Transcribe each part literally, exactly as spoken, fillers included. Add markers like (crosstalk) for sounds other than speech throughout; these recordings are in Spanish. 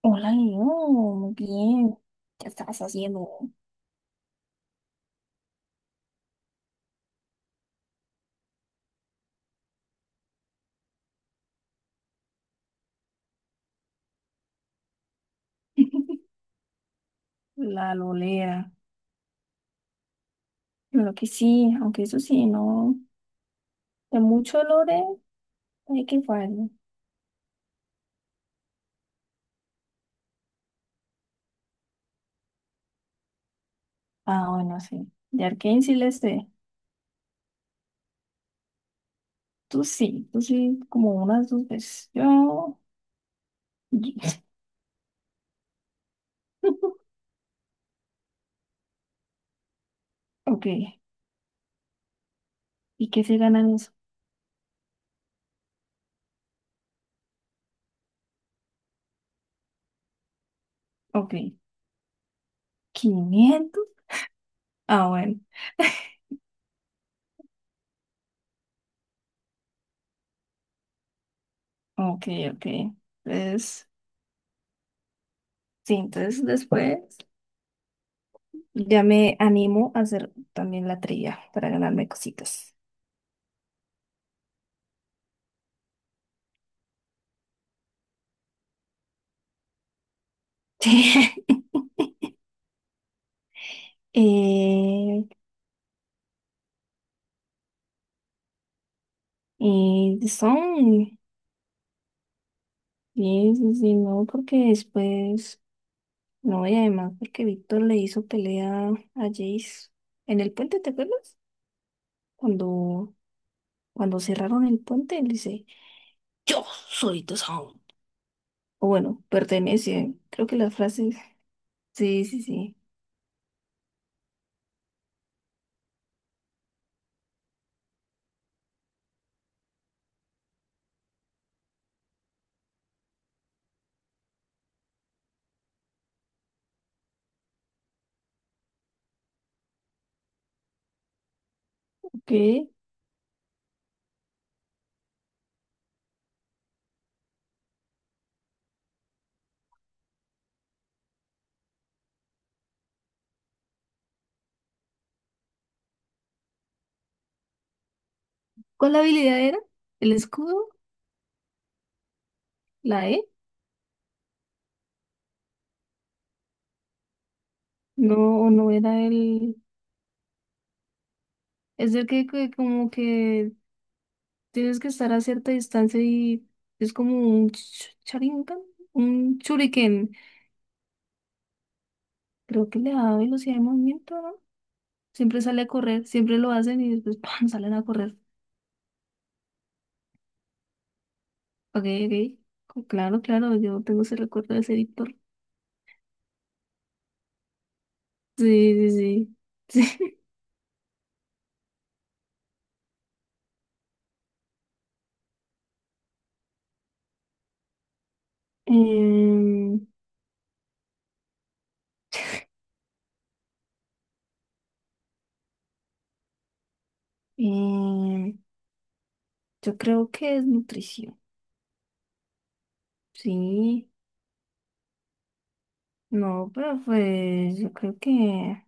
Hola, Leo, muy bien. ¿Qué estabas haciendo? La lolera. Lo que sí, aunque eso sí, no. De mucho lore hay que fallar. Ah, bueno, sí. De Arcane sí le sé. Tú sí, tú sí, como unas dos veces. Yo. y- (laughs) Ok. ¿Y qué se gana en eso? Ok. Quinientos. Ah, bueno. Ok, ok. Entonces, sí, entonces después ya me animo a hacer también la trilla para ganarme cositas. (laughs) Eh, y son, sí, sí, sí, no, porque después, no, y además porque Víctor le hizo pelea a Jace en el puente, ¿te acuerdas? Cuando, cuando cerraron el puente, él dice, yo soy The Sound. O bueno, pertenece, creo que la frase, sí, sí, sí, ok. ¿Cuál habilidad era? ¿El escudo? ¿La E? No, no era el, es el que que como que tienes que estar a cierta distancia y es como un ch- charingan, un shuriken. Creo que le da velocidad de movimiento, ¿no? Siempre sale a correr, siempre lo hacen y después ¡pam! Salen a correr. Ok, ok. Co- Claro, claro, yo tengo ese recuerdo de ese Víctor. Sí, sí, sí. (laughs) Sí. Em, em, yo creo que es nutrición. Sí. No, pero pues yo creo que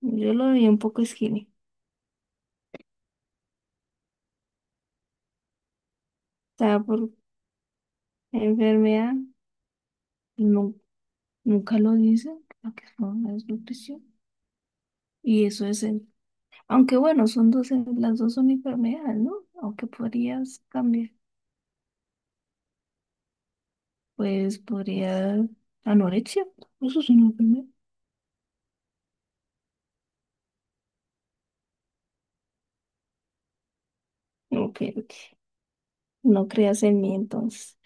yo lo vi un poco skinny. O sea, por enfermedad. nunca Nunca lo dicen, lo que son la desnutrición. Y eso es el, aunque bueno, son dos, en- las dos son enfermedades, ¿no? Aunque podrías cambiar, pues podría anorexia, eso es una enfermedad. Ok, ok. No creas en mí entonces.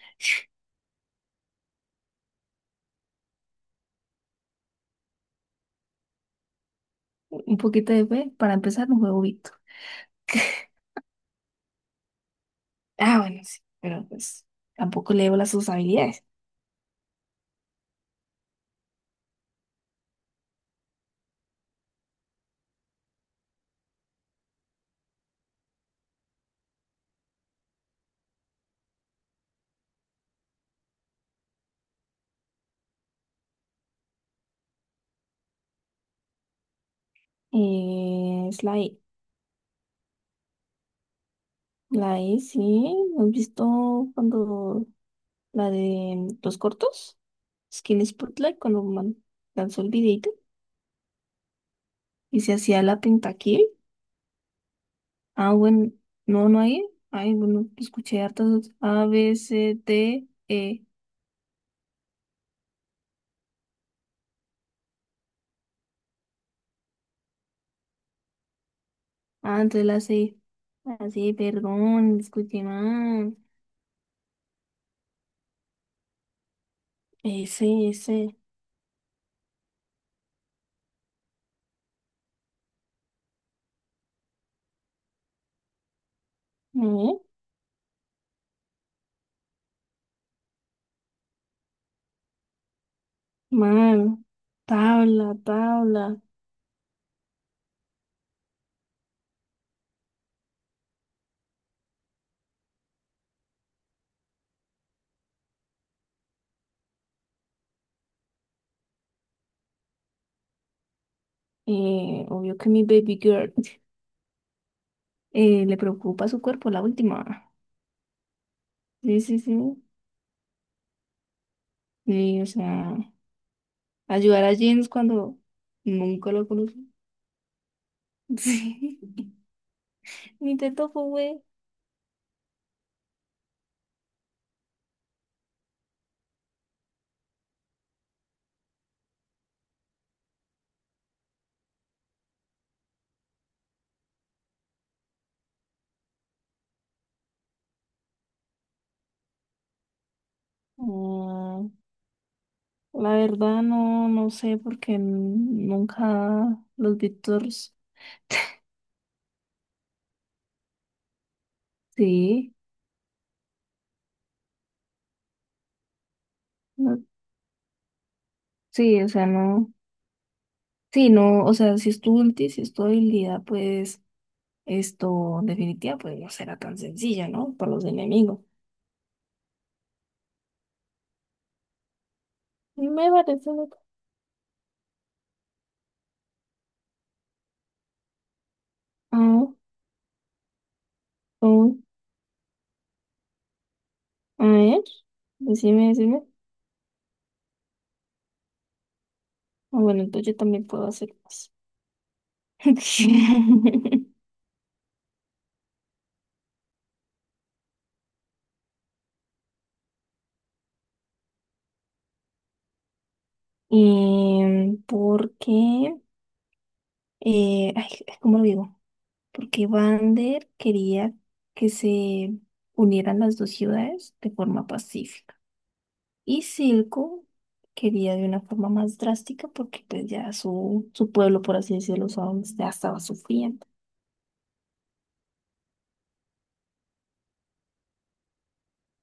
Un poquito de fe, para empezar, un huevito. Ah, bueno, sí, pero pues tampoco leo las sus habilidades. Eh, es la I. La I, sí, ¿has visto cuando la de los cortos? Skin Spotlight cuando man- lanzó el videito y se hacía la tentaquil. Ah, bueno, no, no hay. Ay, bueno, escuché hartas otras. A, B, C, D, E. Ah, entonces la C. Así, perdón, escuché mal. S, S. No, mal. Tabla, tabla. Eh, obvio que mi baby girl eh, le preocupa su cuerpo, la última. Sí, sí, sí. Sí, o sea, ayudar a James cuando nunca lo conocí. Sí, (laughs) ni te topo, güey. Mm, la verdad no, no sé porque n- nunca los Víctors, sí, no- sí, o sea, no, sí, no, o sea, si es tu ulti, si es tu habilidad, pues esto definitiva, pues no será tan sencilla, ¿no? Para los enemigos. Me parece loco. Ah, oh, a ver, decime, decime. Ah, bueno, entonces yo también puedo hacer más. (laughs) ¿Y por qué? Eh, ay, ¿cómo lo digo? Porque Vander quería que se unieran las dos ciudades de forma pacífica. Y Silco quería de una forma más drástica porque pues ya su, su pueblo, por así decirlo, Sound, ya estaba sufriendo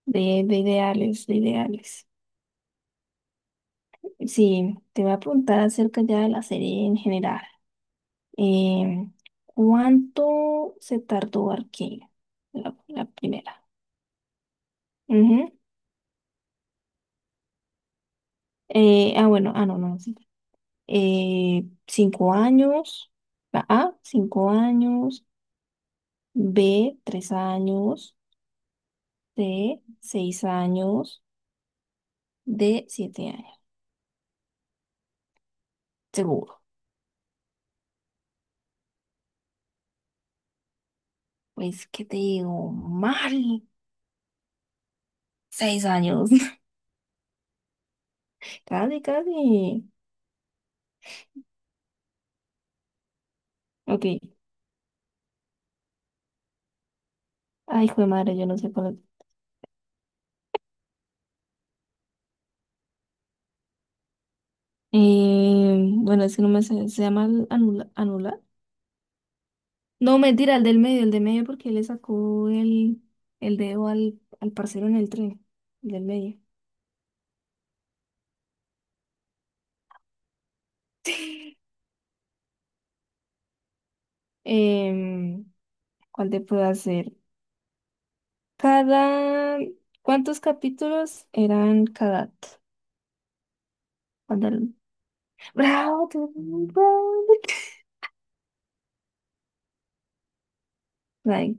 de, de ideales, de ideales. Sí, te voy a preguntar acerca ya de la serie en general. eh ¿cuánto se tardó Arcane? La, la primera. Ujú. Eh, ah, bueno, ah, no, no. Sí. Eh, cinco años, la A, cinco años, B, tres años, C, seis años, D, siete años, seguro. Pues, ¿qué te digo? Mal, seis años, (laughs) casi, casi. Ok, ay, hijo de madre, yo no sé cuál es. Eh, bueno, es que no me sé, se llama el anula, anular. No, mentira, el del medio, el del medio, porque él le sacó el, el dedo al, al parcero en el tren, el del medio. (laughs) Em, ¿cuál te puedo hacer? Cada... ¿Cuántos capítulos eran cada? Cuando el- ¡Bravo! Te- (laughs) ¡bravo! Ay,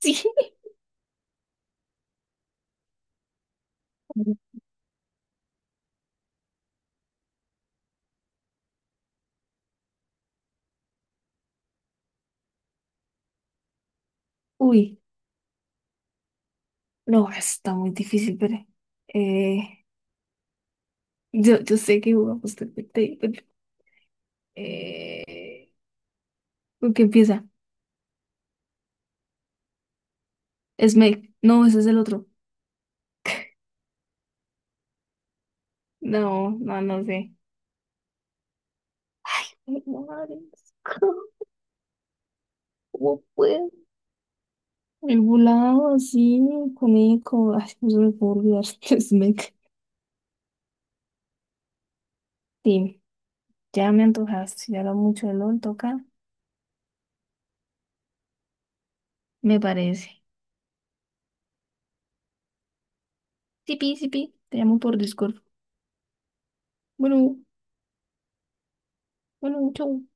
sí. Uy, no, está muy difícil, pero... eh, yo, yo sé que jugamos T P T, pero... Eh, ¿con qué empieza? Smake. No, ese es el otro. No, no, no sé. Ay, madre, (laughs) ¿Cómo puedo? El volado así, comico, ay, no se me puede olvidar, (laughs) Smec. Sí, ya me antojaste, ya hablo mucho de L O L, toca, me parece. Sipi, sipi, te llamo por Discord. Bueno, bueno, chau.